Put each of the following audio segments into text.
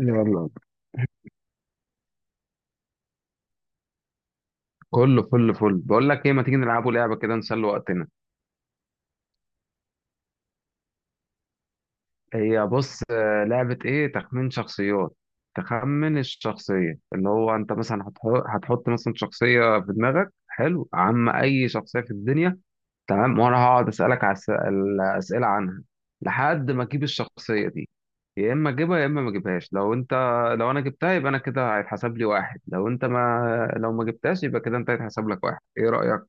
يلا، كله فل فل. بقول لك ايه، ما تيجي نلعبوا لعبه كده نسلي وقتنا؟ هي بص، لعبه ايه؟ تخمين شخصيات. تخمن الشخصيه اللي هو انت مثلا هتحط مثلا شخصيه في دماغك. حلو؟ عم اي شخصيه في الدنيا. تمام، وانا هقعد اسالك على الاسئله عنها لحد ما اجيب الشخصيه دي. يا اما اجيبها يا اما ما اجيبهاش. لو انت، لو انا جبتها يبقى انا كده هيتحسب لي واحد، لو انت ما، لو ما جبتهاش يبقى كده انت هيتحسب لك واحد. ايه رايك؟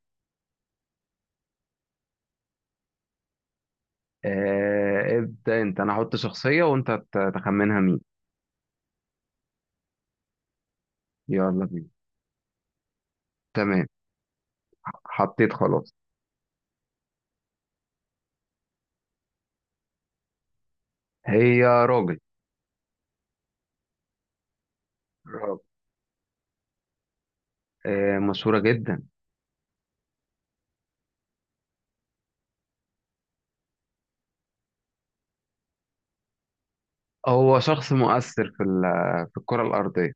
ابدأ انت. انا هحط شخصية وانت تخمنها مين. يلا بينا. تمام. حطيت خلاص. هي راجل. راجل. مشهورة جدا. هو شخص مؤثر في في الكرة الأرضية،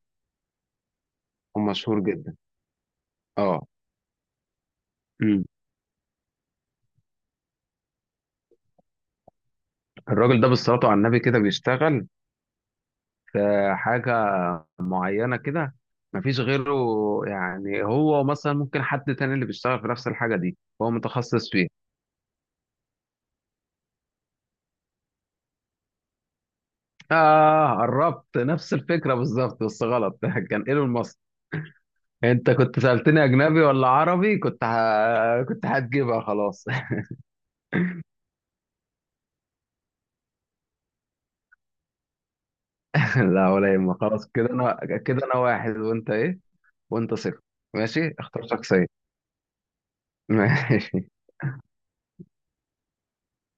ومشهور جدا. اه. أمم. الراجل ده بالصلاة على النبي كده بيشتغل في حاجة معينة كده. مفيش غيره يعني. هو مثلا ممكن حد تاني اللي بيشتغل في نفس الحاجة دي، هو متخصص فيها. آه، قربت نفس الفكرة بالظبط، بس غلط. كان ايلون ماسك. انت كنت سألتني اجنبي ولا عربي كنت كنت هتجيبها خلاص. لا ولا يهمك. خلاص كده انا، كده انا واحد وانت ايه، وانت صفر. ماشي، اختار شخصية. ماشي.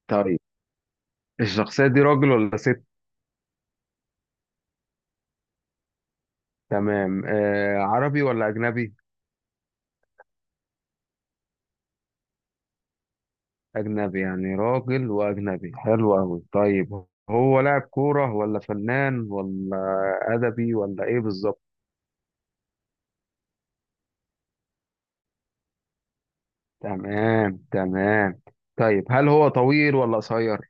طيب الشخصية دي راجل ولا ست؟ تمام. آه، عربي ولا اجنبي؟ اجنبي، يعني راجل واجنبي، حلو قوي. طيب هو لاعب كورة ولا فنان ولا ادبي ولا ايه بالظبط؟ تمام تمام. طيب هل هو طويل ولا قصير؟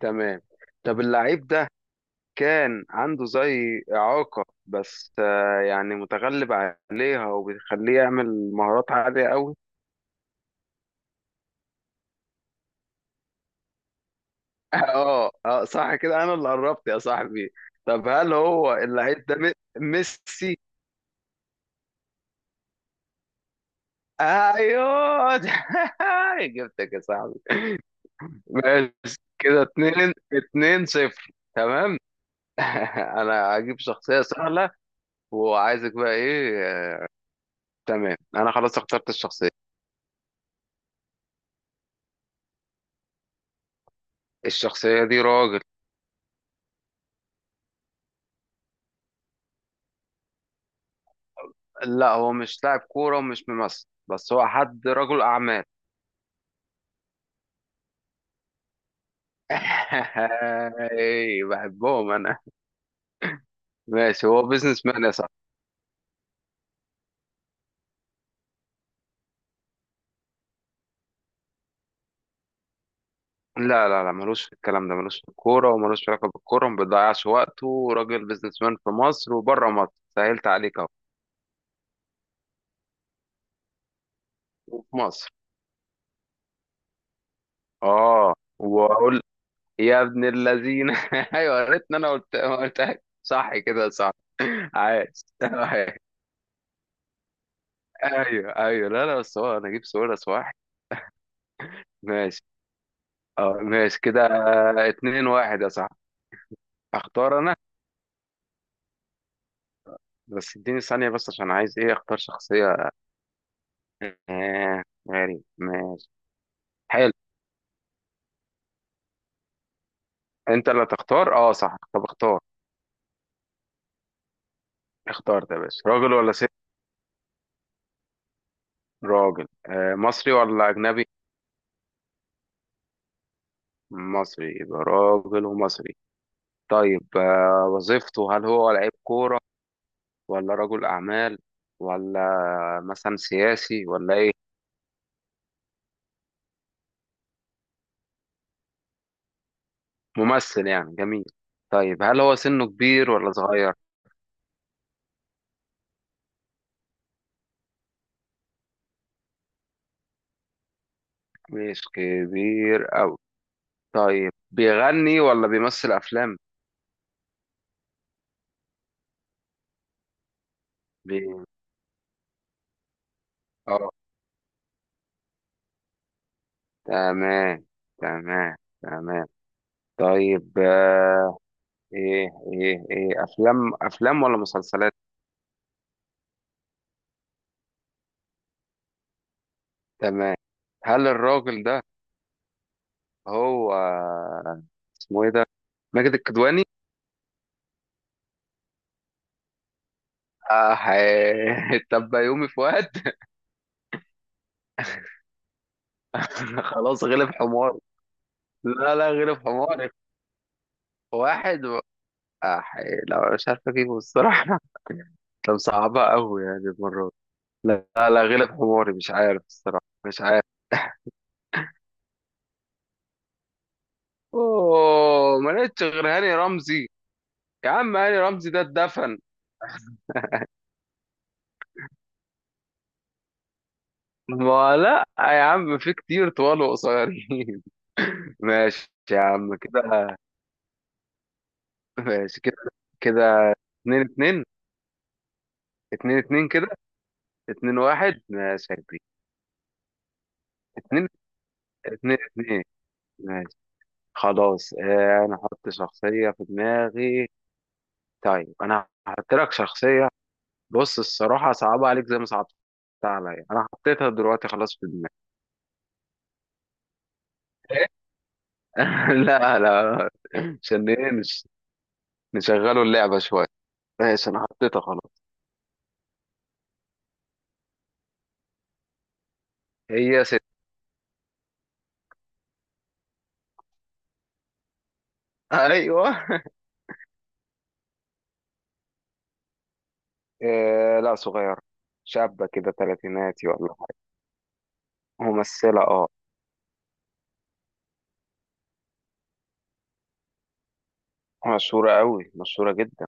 تمام. طب اللعيب ده كان عنده زي إعاقة بس، يعني متغلب عليها وبيخليه يعمل مهارات عالية قوي. اه اه، صح. كده انا اللي قربت يا صاحبي. طب هل هو اللعيب ده ميسي؟ ايوه. جبتك يا صاحبي. ماشي كده، اتنين اتنين صفر تمام. انا هجيب شخصية سهلة وعايزك بقى ايه. آه، تمام، انا خلاص اخترت الشخصية. الشخصية دي راجل. لا، هو مش لاعب كورة ومش ممثل، بس هو حد رجل أعمال. إيه، بحبهم أنا. ماشي، هو بيزنس مان يا صاحبي. لا لا لا، ملوش في الكلام ده، ملوش في الكورة وملوش في علاقة بالكورة. ما بيضيعش وقته. راجل بيزنس مان في مصر وبره مصر. سهلت عليك أهو. وفي مصر. آه. وأقول يا ابن اللذين. أيوه، يا ريتني أنا قلت قلتها. صح كده، صح. عايش. ايوه ايوه. لا لا، بس هو انا اجيب سؤال صح؟ ماشي. اه، ماشي كده. آه، اتنين واحد يا صاحبي. اختار انا. بس اديني ثانية بس، عشان عايز ايه، اختار شخصية. آه، غريب. ماشي. حلو. انت اللي تختار، اه صح. طب اختار. اختار يا باشا. راجل ولا ست؟ راجل. آه، مصري ولا اجنبي؟ مصري. يبقى راجل ومصري. طيب آه، وظيفته، هل هو لعيب كورة ولا رجل اعمال ولا مثلا سياسي ولا ايه؟ ممثل، يعني جميل. طيب هل هو سنه كبير ولا صغير؟ مش كبير أوي. طيب بيغني ولا بيمثل أفلام؟ بي... اه. تمام تمام تمام. طيب آه، إيه، إيه أفلام، أفلام ولا مسلسلات؟ تمام. هل الراجل ده، هو اسمه إيه ده؟ ماجد الكدواني؟ آه، تبقى يومي فؤاد؟ خلاص، غلب حمار. لا لا، غلب حماري. واحد. آه، حقيقي. لا مش عارف اجيبه الصراحة. طب صعبها قوي يعني المرة دي. لا لا لا، غلب حماري، مش عارف الصراحة، مش عارف. اوه، ما لقيتش غير هاني رمزي. يا عم هاني رمزي ده اتدفن. ما لا يا عم، في كتير طوال وقصيرين. ماشي يا عم كده. ماشي كده. كده اتنين اتنين. اتنين اتنين كده. اتنين واحد ماشي يا كبير. اتنين، اتنين اتنين. ماشي. خلاص. آه، انا احط شخصية في دماغي. طيب انا هحط لك شخصيه. بص، الصراحه صعبه عليك زي ما صعبت عليا انا. حطيتها دلوقتي خلاص في دماغي. لا لا. عشان ايه؟ نشغلوا اللعبه شويه. ماشي انا حطيتها خلاص. هي ست. ايوه. إيه، لا صغيره، شابه كده تلاتيناتي ولا حاجه. ممثله، اه. مشهوره قوي، مشهوره جدا.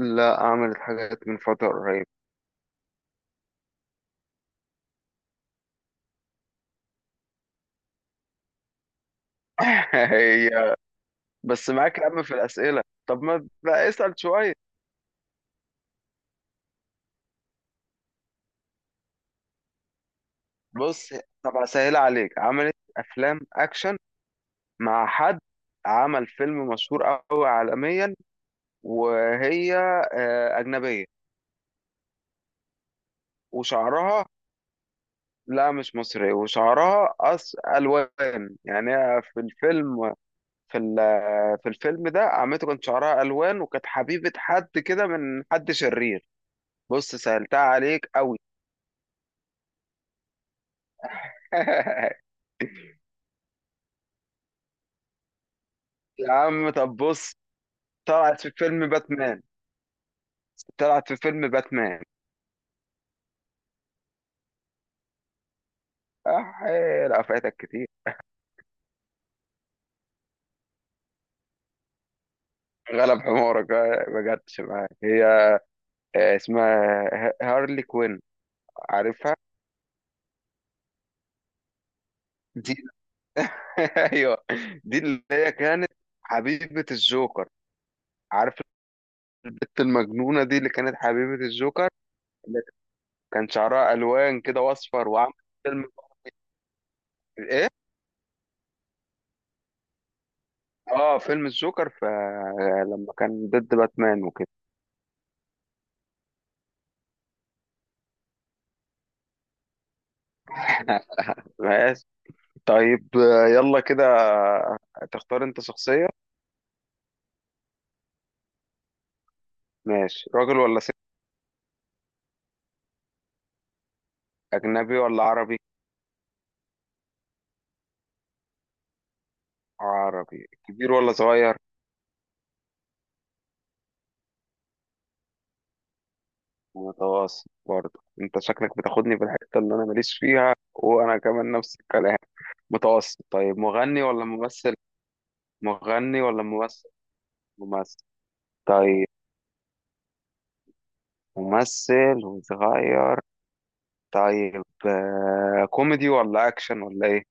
لا، عملت حاجات من فتره قريبه. هي، بس معاك يا عم في الاسئله. طب ما بقى اسال شويه. بص، طب اسهل عليك، عملت افلام اكشن مع حد، عمل فيلم مشهور قوي عالميا، وهي اجنبيه، وشعرها، لا مش مصري، وشعرها أص الوان، يعني هي في الفيلم، في في الفيلم ده عمته، كان شعرها الوان، وكانت حبيبه حد كده من حد شرير. بص، سهلتها عليك قوي. يا عم طب بص، طلعت في فيلم باتمان. طلعت في فيلم باتمان. أح... لا فاتك كتير. غلب حمارك. آه، ما جاتش معاك هي. آه، اسمها هارلي كوين. عارفها؟ دي، ايوه، دي اللي هي كانت حبيبة الجوكر. عارف، البت المجنونة دي اللي كانت حبيبة الجوكر، اللي كان شعرها ألوان كده وأصفر، وعملت فيلم إيه؟ آه، فيلم الجوكر، لما كان ضد باتمان وكده. ماشي. طيب آه، يلا كده، تختار أنت شخصية. ماشي. راجل ولا ست؟ أجنبي ولا عربي؟ عربي كبير ولا صغير؟ متوسط؟ برضه انت شكلك بتاخدني في الحتة اللي انا ماليش فيها وانا كمان نفس الكلام. متوسط. طيب مغني ولا ممثل؟ مغني ولا ممثل؟ ممثل. طيب ممثل وصغير. طيب آه، كوميدي ولا اكشن ولا ايه؟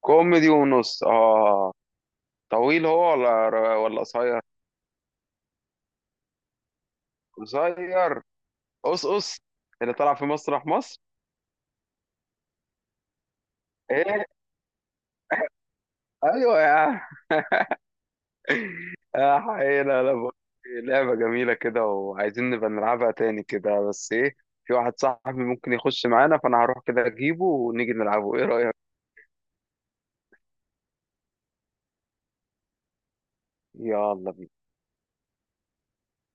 كوميدي ونص، اه. طويل هو ولا قصير؟ قصير، قصقص، اللي طلع في مسرح مصر. ايه؟ ايوه يا عم. آه، حقيقة. لا لا، بقول لك إيه، لعبة جميلة كده، وعايزين نبقى نلعبها تاني كده، بس ايه، في واحد صاحبي ممكن يخش معانا، فانا هروح كده اجيبه ونيجي نلعبه. ايه رأيك؟ يلا.